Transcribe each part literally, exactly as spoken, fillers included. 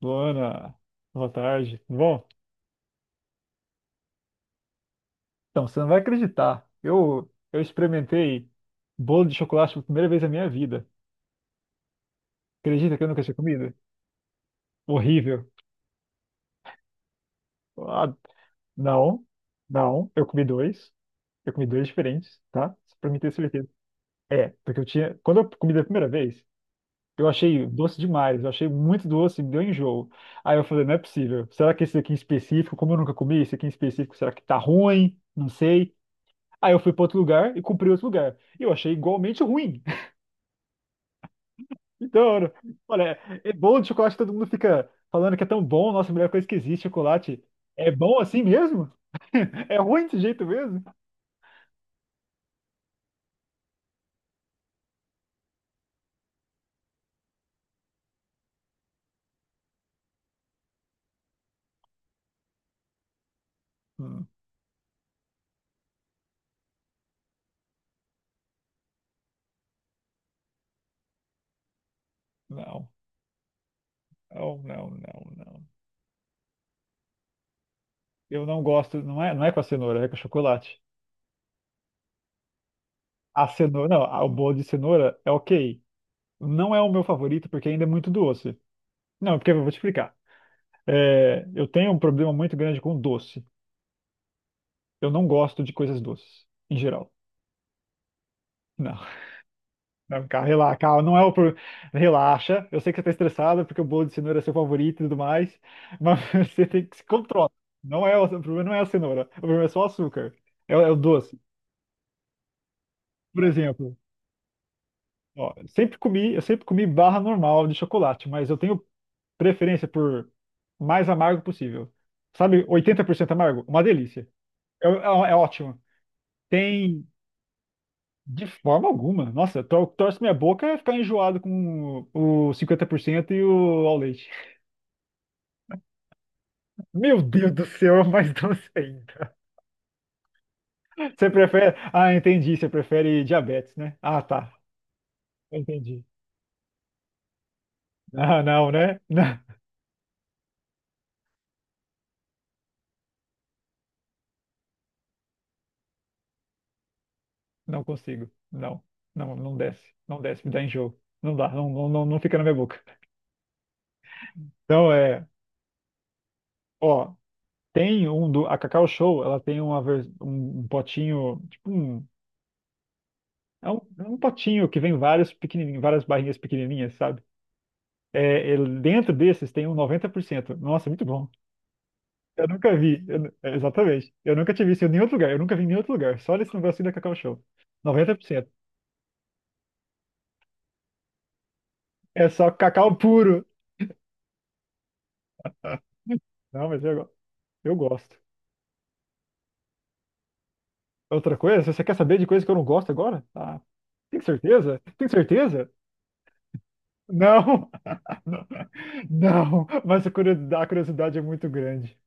Luana, boa tarde. Tudo bom, então, você não vai acreditar. Eu, eu experimentei bolo de chocolate pela primeira vez na minha vida. Acredita que eu nunca tinha comido? Horrível. Ah, não, não. Eu comi dois. Eu comi dois diferentes, tá? Só pra mim ter certeza. É, porque eu tinha. Quando eu comi da primeira vez, eu achei doce demais. Eu achei muito doce, me deu enjoo. Aí eu falei, não é possível. Será que esse aqui em específico, como eu nunca comi, esse aqui em específico, será que tá ruim? Não sei. Aí eu fui para outro lugar e cumpri outro lugar. E eu achei igualmente ruim. Então, olha, é bom de chocolate, todo mundo fica falando que é tão bom, nossa, a melhor coisa que existe, é chocolate. É bom assim mesmo? É ruim desse jeito mesmo? Hum, Não, não, não, não, não. Eu não gosto, não é, não é com a cenoura, é com chocolate. A cenoura, não, a- o bolo de cenoura é ok. Não é o meu favorito porque ainda é muito doce. Não, porque eu vou te explicar. É, eu tenho um problema muito grande com doce. Eu não gosto de coisas doces, em geral. Não. Não, cara, relaxa, calma, não é o problema. Relaxa, eu sei que você tá estressada porque o bolo de cenoura é seu favorito e tudo mais, mas você tem que se controlar. Não é o, o problema não é a cenoura, o problema é só o açúcar, é, o é o doce. Por exemplo, ó, sempre comi, eu sempre comi barra normal de chocolate, mas eu tenho preferência por mais amargo possível. Sabe, oitenta por cento amargo? Uma delícia. É, é, é ótimo. Tem, de forma alguma, nossa, tor torce minha boca é ficar enjoado com o cinquenta por cento e o ao leite. Meu Deus do céu, é mais doce ainda. Você prefere. Ah, entendi. Você prefere diabetes, né? Ah, tá. Entendi. Ah, não, né? Não, não consigo. Não. Não, não desce. Não desce, me dá enjoo. Não dá, não, não, não não fica na minha boca. Então é. Ó, tem um do. A Cacau Show, ela tem uma, vers- um, um potinho. Tipo um. É um, é um potinho que vem vários pequenininhos, várias barrinhas pequenininhas, sabe? É, ele- dentro desses tem um noventa por cento. Nossa, é muito bom. Eu nunca vi, eu nu- é, exatamente. Eu nunca tive isso em nenhum outro lugar. Eu nunca vi em nenhum outro lugar. Só nesse negócio da Cacau Show. Noventa por cento. É só cacau puro. Não, mas eu, go- eu gosto. Outra coisa, se você quer saber de coisa que eu não gosto agora? Ah, tem certeza? Tem certeza? Não! Não, não, mas a curio- a curiosidade é muito grande.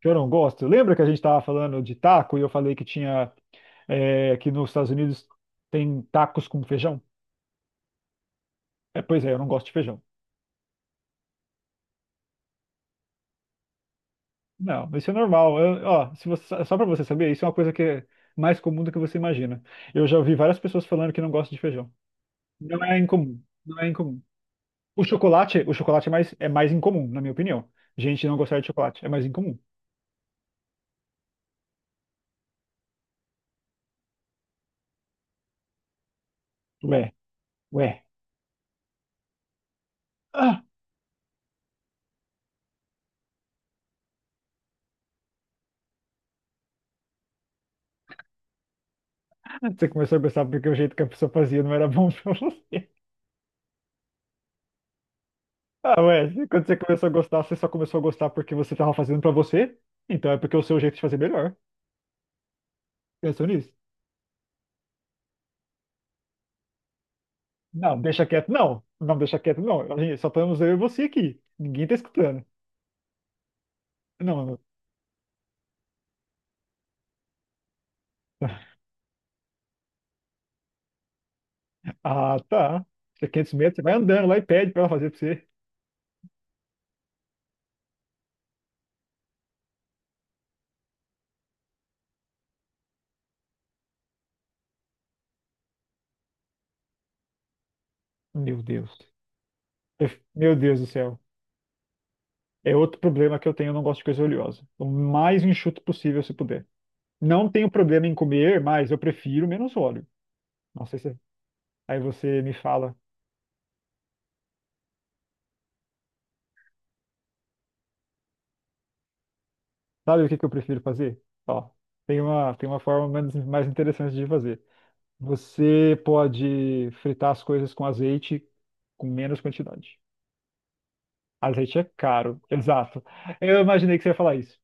Que eu não gosto. Lembra que a gente estava falando de taco e eu falei que tinha, é, que nos Estados Unidos tem tacos com feijão? É, pois é, eu não gosto de feijão. Não, isso é normal. Eu- ó, se você- só para você saber, isso é uma coisa que é mais comum do que você imagina. Eu já ouvi várias pessoas falando que não gostam de feijão. Não é incomum, não é incomum. O chocolate, o chocolate é mais, é mais incomum, na minha opinião. Gente não gostar de chocolate é mais incomum. Ué, ué. Ah, você começou a gostar porque o jeito que a pessoa fazia não era bom pra você. Ah, ué, quando você começou a gostar, você só começou a gostar porque você tava fazendo pra você? Então é porque o seu jeito de fazer é melhor. Pensou nisso? Não, deixa quieto, não. Não, deixa quieto, não. A gente, só estamos eu e você aqui. Ninguém tá escutando. Não, não. Ah, tá. Você é quinhentos metros, você vai andando lá e pede pra ela fazer pra você. Meu Deus. Eu- Meu Deus do céu. É outro problema que eu tenho, eu não gosto de coisa oleosa. O mais enxuto possível, se puder. Não tenho problema em comer, mas eu prefiro menos óleo. Não sei se. Aí você me fala, sabe o que que eu prefiro fazer? Ó, tem uma, tem uma forma menos, mais interessante de fazer. Você pode fritar as coisas com azeite com menos quantidade. Azeite é caro, exato. Eu imaginei que você ia falar isso.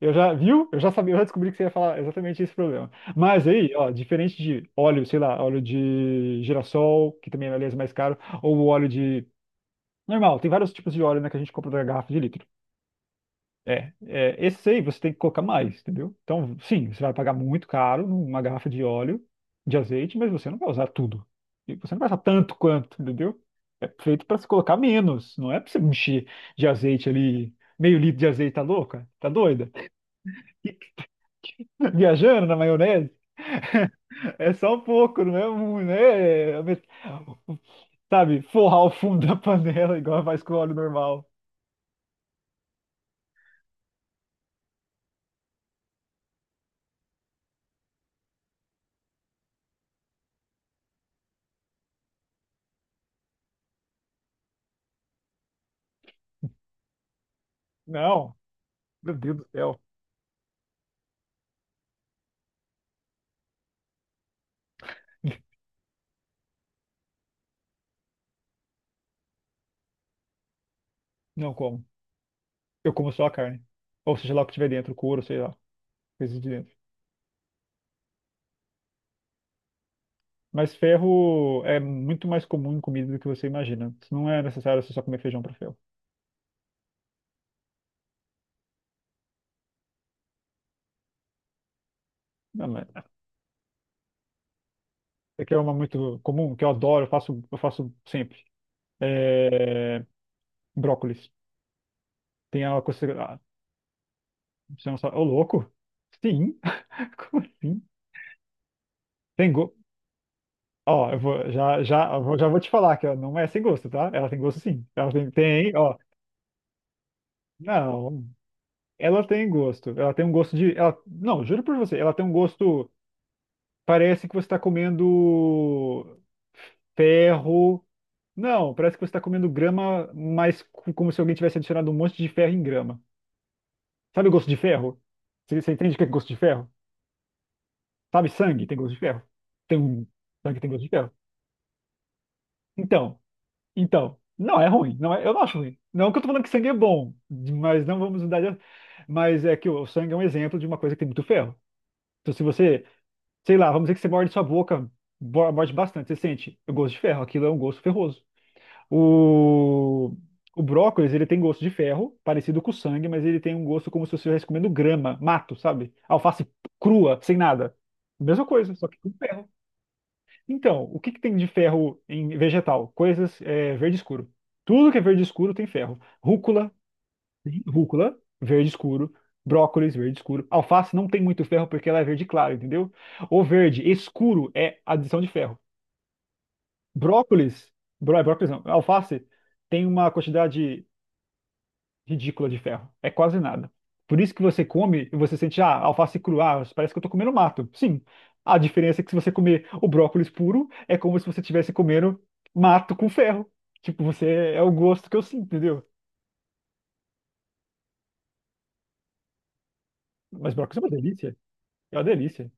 Eu já, viu? Eu já sabia, eu já descobri que você ia falar exatamente esse problema. Mas aí, ó, diferente de óleo, sei lá, óleo de girassol, que também é, aliás, mais caro, ou o óleo de. Normal, tem vários tipos de óleo, né, que a gente compra da garrafa de litro. É, é, esse aí você tem que colocar mais, entendeu? Então, sim, você vai pagar muito caro numa garrafa de óleo, de azeite, mas você não vai usar tudo. E você não vai usar tanto quanto, entendeu? É feito para se colocar menos, não é para você encher de azeite ali, meio litro de azeite, tá louca? Tá doida? Viajando na maionese? É só um pouco, não é muito, né? É met- Sabe, forrar o fundo da panela igual faz com óleo normal. Não, meu Deus do céu, não como. Eu como só a carne. Ou seja lá o que tiver dentro, couro, sei lá, coisas de dentro. Mas ferro é muito mais comum em comida do que você imagina. Não é necessário você só comer feijão para ferro. Não, mas é É que é uma muito comum, que eu adoro, eu faço, eu faço sempre. É. Brócolis. Tem a consideração. Você não sabe. Ô, louco? Sim? Como assim? Tem go. Ó, eu vou, já, já, eu vou- já vou te falar que ela não é sem gosto, tá? Ela tem gosto sim. Ela tem, tem, ó. Não. Ela tem gosto. Ela tem um gosto de. Ela. Não, juro por você. Ela tem um gosto. Parece que você está comendo ferro. Não, parece que você está comendo grama, mas co- como se alguém tivesse adicionado um monte de ferro em grama. Sabe o gosto de ferro? Você, você entende o que é gosto de ferro? Sabe sangue tem gosto de ferro? Tem um. Sangue tem gosto de ferro. Então, então. Não, é ruim. Não é. Eu não acho ruim. Não que eu tô falando que sangue é bom, mas não vamos mudar de. Mas é que o o sangue é um exemplo de uma coisa que tem muito ferro. Então, se você sei lá, vamos dizer que você morde sua boca, bo- morde bastante, você sente o gosto de ferro, aquilo é um gosto ferroso. O, o brócolis, ele tem gosto de ferro, parecido com o sangue, mas ele tem um gosto como se você estivesse comendo grama, mato, sabe? Alface crua, sem nada. Mesma coisa, só que com ferro. Então, o que que tem de ferro em vegetal? Coisas é, verde escuro. Tudo que é verde escuro tem ferro. Rúcula, Rúcula, verde escuro. Brócolis, verde escuro. Alface não tem muito ferro porque ela é verde claro, entendeu? O verde escuro é adição de ferro. Brócolis, bró, brócolis não, alface tem uma quantidade ridícula de ferro. É quase nada. Por isso que você come e você sente, ah, alface crua, ah, parece que eu tô comendo mato. Sim. A diferença é que se você comer o brócolis puro, é como se você estivesse comendo mato com ferro. Tipo, você é o gosto que eu sinto, entendeu? Mas brócolis é uma delícia. É uma delícia.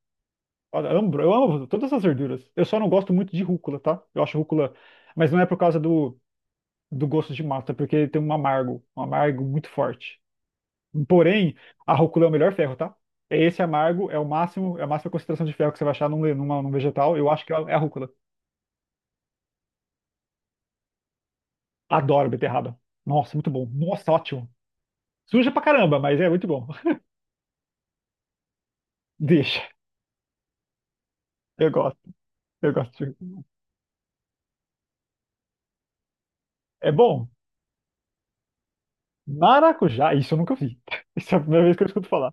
Olha, eu amo, eu amo todas as verduras. Eu só não gosto muito de rúcula, tá? Eu acho rúcula, mas não é por causa do, do gosto de massa, é porque tem um amargo, um amargo muito forte. Porém, a rúcula é o melhor ferro, tá? É Esse amargo é o máximo, é a máxima concentração de ferro que você vai achar num, le- numa- num vegetal. Eu acho que é a é a rúcula. Adoro beterraba. Nossa, muito bom. Nossa, ótimo. Suja pra caramba, mas é muito bom. Deixa. Eu gosto. Eu gosto. de- É bom. Maracujá, isso eu nunca vi. Isso é a primeira vez que eu escuto falar.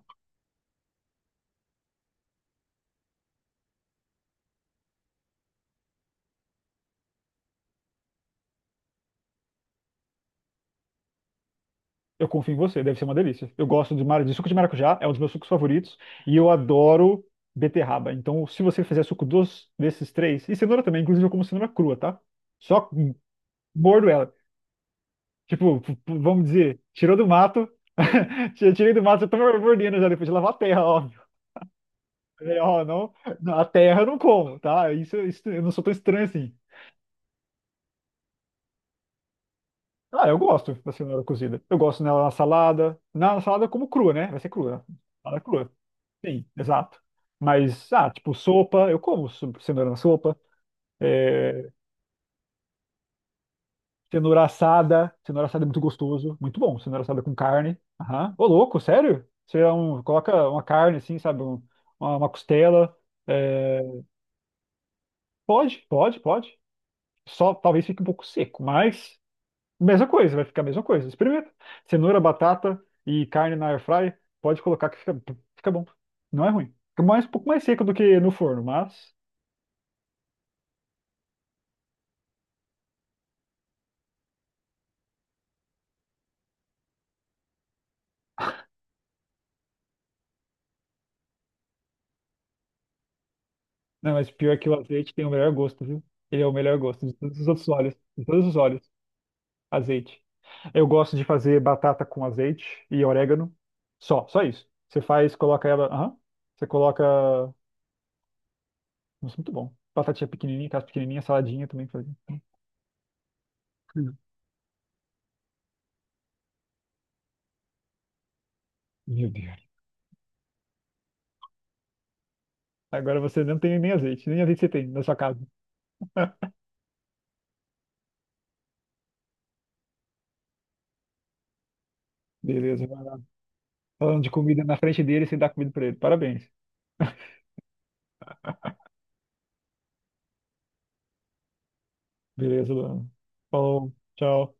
Eu confio em você, deve ser uma delícia. Eu gosto de, mara- de suco de maracujá, é um dos meus sucos favoritos, e eu adoro beterraba. Então, se você fizer suco dos, desses três, e cenoura também, inclusive eu como cenoura crua, tá? Só mordo ela. Tipo, p- p- vamos dizer, tirou do mato, ti- tirei do mato, eu tô mordendo já depois de lavar a terra, óbvio. Falei, ó, não, não, a terra eu não como, tá? Isso, isso, eu não sou tão estranho assim. Ah, eu gosto da cenoura cozida. Eu gosto nela na salada. Na salada eu como crua, né? Vai ser crua. Salada crua. Sim, exato. Mas, ah, tipo sopa, eu como so- cenoura na sopa. É, cenoura assada. Cenoura assada é muito gostoso. Muito bom. Cenoura assada com carne. Aham. Ô, louco, sério? Você é um- coloca uma carne assim, sabe? Um- uma, uma costela. É, pode, pode, pode. Só talvez fique um pouco seco, mas mesma coisa, vai ficar a mesma coisa. Experimenta. Cenoura, batata e carne na air fryer, pode colocar que fica, fica bom. Não é ruim. Fica mais, um pouco mais seco do que no forno, mas. Não, mas pior que o azeite tem o melhor gosto, viu? Ele é o melhor gosto de todos os outros óleos. De todos os óleos. Azeite. Eu gosto de fazer batata com azeite e orégano. Só, só isso. Você faz, coloca ela. Aham. Você coloca. Nossa, muito bom. Batatinha pequenininha, casa pequenininha, saladinha também. Faz. Hum. Meu Deus. Agora você não tem nem azeite. Nem azeite você tem na sua casa. Beleza, vai lá. Falando de comida na frente dele, você dá comida pra ele. Parabéns. Beleza, Luana. Falou, tchau.